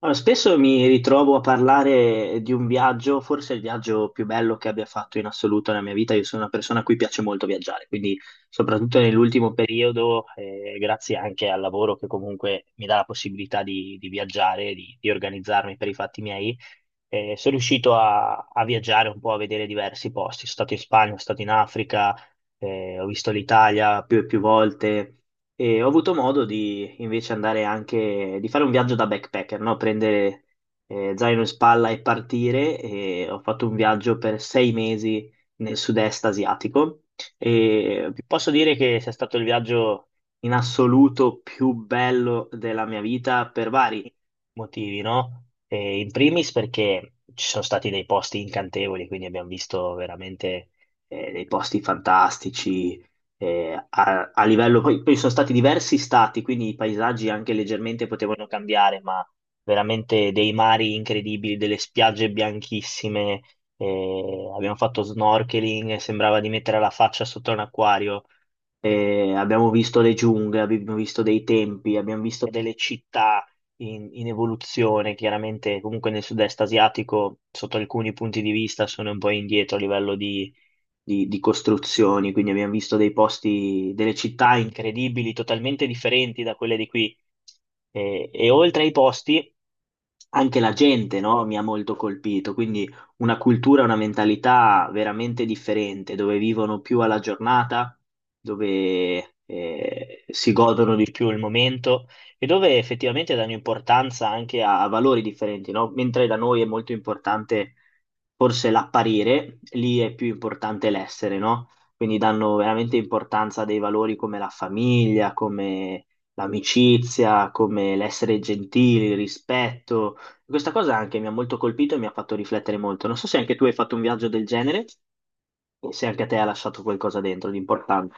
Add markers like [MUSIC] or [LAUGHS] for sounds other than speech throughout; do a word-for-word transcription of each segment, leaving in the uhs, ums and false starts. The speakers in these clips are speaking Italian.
Allora, spesso mi ritrovo a parlare di un viaggio, forse il viaggio più bello che abbia fatto in assoluto nella mia vita. Io sono una persona a cui piace molto viaggiare, quindi soprattutto nell'ultimo periodo, eh, grazie anche al lavoro che comunque mi dà la possibilità di, di viaggiare, di, di organizzarmi per i fatti miei, e sono riuscito a, a viaggiare un po', a vedere diversi posti. Sono stato in Spagna, sono stato in Africa, eh, ho visto l'Italia più e più volte e ho avuto modo di invece andare anche, di fare un viaggio da backpacker, no? Prendere eh, zaino in spalla e partire. E ho fatto un viaggio per sei mesi nel sud-est asiatico e vi posso dire che sia stato il viaggio in assoluto più bello della mia vita per vari motivi, no? Eh, in primis perché ci sono stati dei posti incantevoli, quindi abbiamo visto veramente eh, dei posti fantastici eh, a, a livello, poi, poi sono stati diversi stati, quindi i paesaggi anche leggermente potevano cambiare, ma veramente dei mari incredibili, delle spiagge bianchissime, eh, abbiamo fatto snorkeling, sembrava di mettere la faccia sotto un acquario. Eh, abbiamo visto le giungle, abbiamo visto dei tempi, abbiamo visto delle città in, in evoluzione. Chiaramente, comunque nel sud-est asiatico, sotto alcuni punti di vista, sono un po' indietro a livello di, di- di costruzioni. Quindi abbiamo visto dei posti, delle città incredibili, totalmente differenti da quelle di qui. Eh, e oltre ai posti anche la gente, no, mi ha molto colpito, quindi una cultura, una mentalità veramente differente, dove vivono più alla giornata, dove eh, si godono di più il momento e dove effettivamente danno importanza anche a, a valori differenti, no? Mentre da noi è molto importante forse l'apparire, lì è più importante l'essere, no? Quindi danno veramente importanza a dei valori come la famiglia, come l'amicizia, come l'essere gentili, il rispetto. Questa cosa anche mi ha molto colpito e mi ha fatto riflettere molto. Non so se anche tu hai fatto un viaggio del genere e se anche a te ha lasciato qualcosa dentro di importante.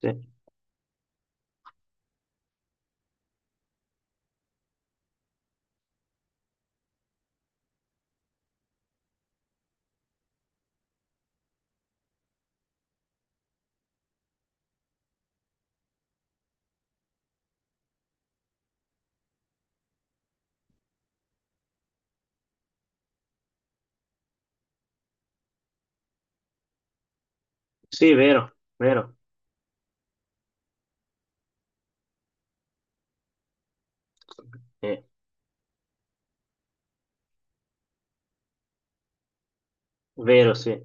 Sì, sì, vero, vero. Sì, vero, sì,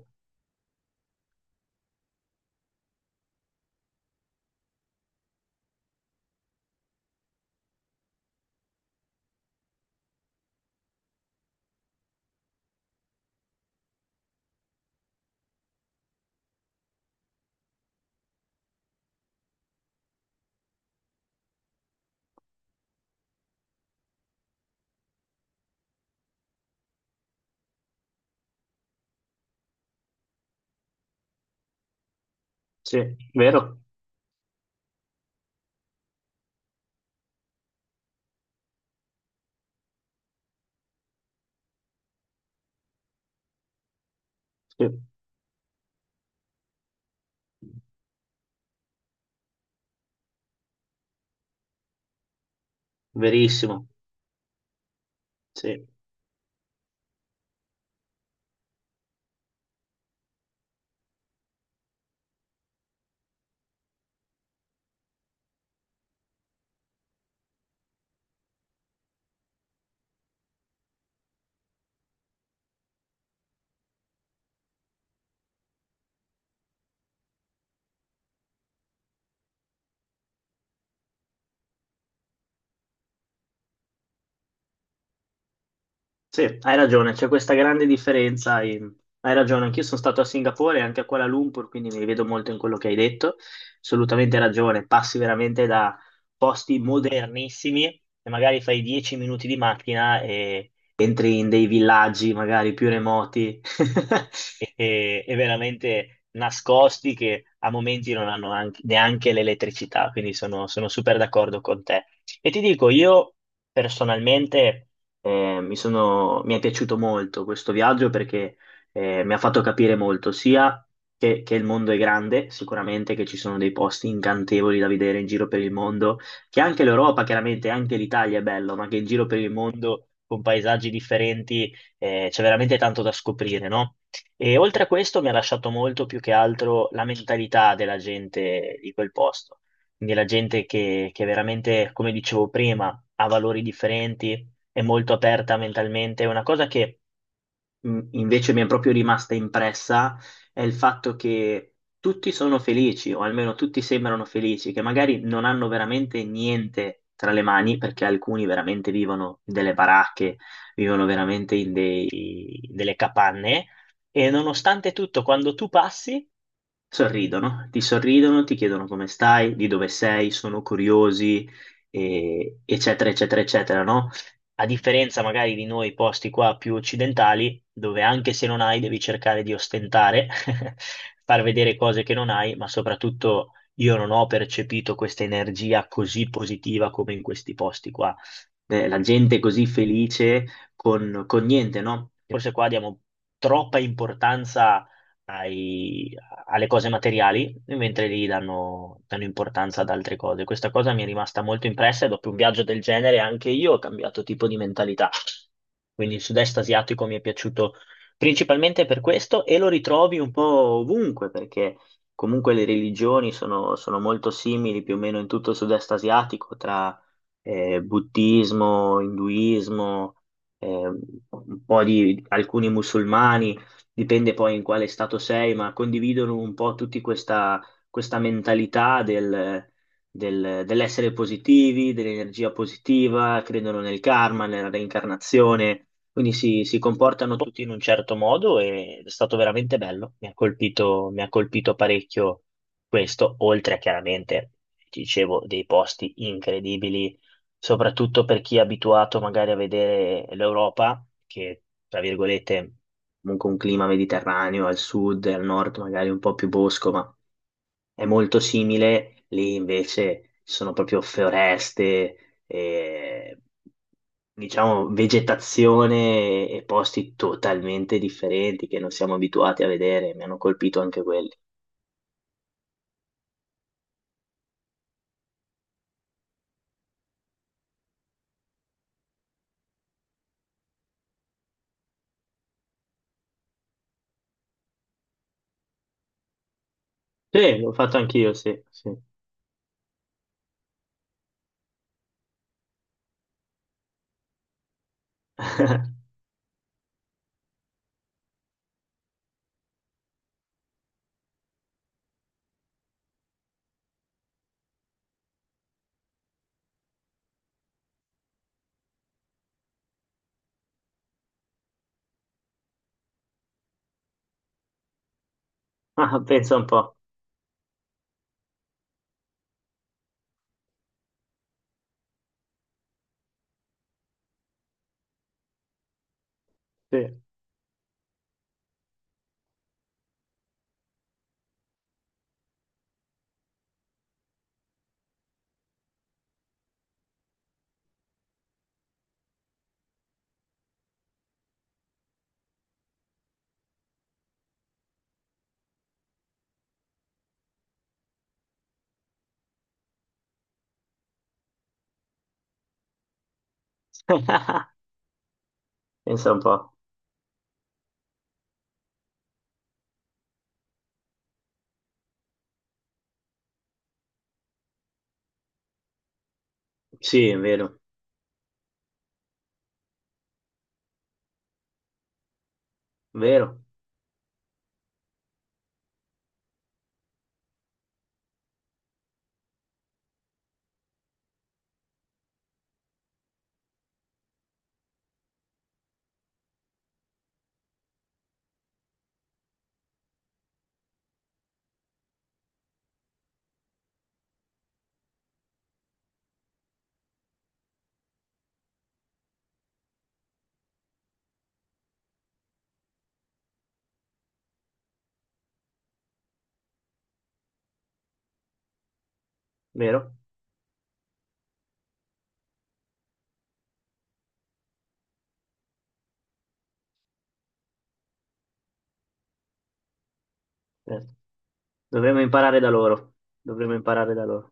sì, vero, sì, verissimo. Sì. Sì, hai ragione, c'è questa grande differenza. in- Hai ragione, anch'io sono stato a Singapore e anche a Kuala Lumpur, quindi mi rivedo molto in quello che hai detto. Assolutamente ragione, passi veramente da posti modernissimi e magari fai dieci minuti di macchina e entri in dei villaggi magari più remoti [LAUGHS] e, e veramente nascosti che a momenti non hanno anche- neanche l'elettricità, quindi sono sono super d'accordo con te. E ti dico, io personalmente. Eh, mi sono- mi è piaciuto molto questo viaggio perché eh, mi ha fatto capire molto sia che, che il mondo è grande, sicuramente che ci sono dei posti incantevoli da vedere in giro per il mondo, che anche l'Europa, chiaramente anche l'Italia è bello, ma che in giro per il mondo con paesaggi differenti eh, c'è veramente tanto da scoprire, no? E oltre a questo mi ha lasciato molto più che altro la mentalità della gente di quel posto, quindi la gente che, che veramente, come dicevo prima, ha valori differenti è molto aperta mentalmente. Una cosa che mh, invece mi è proprio rimasta impressa è il fatto che tutti sono felici, o almeno tutti sembrano felici, che magari non hanno veramente niente tra le mani, perché alcuni veramente vivono in delle baracche, vivono veramente in dei- delle capanne. E nonostante tutto, quando tu passi, sorridono, ti sorridono, ti chiedono come stai, di dove sei, sono curiosi, e- eccetera, eccetera, eccetera, no? A differenza magari di noi posti qua più occidentali, dove anche se non hai devi cercare di ostentare, [LAUGHS] far vedere cose che non hai, ma soprattutto io non ho percepito questa energia così positiva come in questi posti qua. Eh, la gente è così felice con, con niente, no? Forse qua diamo troppa importanza ai- alle cose materiali, mentre lì danno, danno importanza ad altre cose. Questa cosa mi è rimasta molto impressa e dopo un viaggio del genere anche io ho cambiato tipo di mentalità. Quindi il sud-est asiatico mi è piaciuto principalmente per questo e lo ritrovi un po' ovunque perché comunque le religioni sono, sono molto simili più o meno in tutto il sud-est asiatico tra eh, buddismo, induismo, eh, un po' di alcuni musulmani dipende poi in quale stato sei, ma condividono un po' tutti questa, questa mentalità del- del- dell'essere positivi, dell'energia positiva, credono nel karma, nella reincarnazione, quindi si, si comportano tutti in un certo modo e è stato veramente bello, mi ha colpito, mi ha colpito parecchio questo, oltre a chiaramente, ti dicevo, dei posti incredibili soprattutto per chi è abituato magari a vedere l'Europa, che tra virgolette comunque un clima mediterraneo al sud e al nord, magari un po' più bosco, ma è molto simile. Lì invece ci sono proprio foreste, e, diciamo vegetazione e posti totalmente differenti che non siamo abituati a vedere. Mi hanno colpito anche quelli. Sì, l'ho fatto anch'io, sì, sì. [LAUGHS] Ah, pensa un po', sì. [LAUGHS] Pensa un po'. Sì, è vero, vero, vero. Certo. Dovremmo imparare da loro. Dovremmo imparare da loro.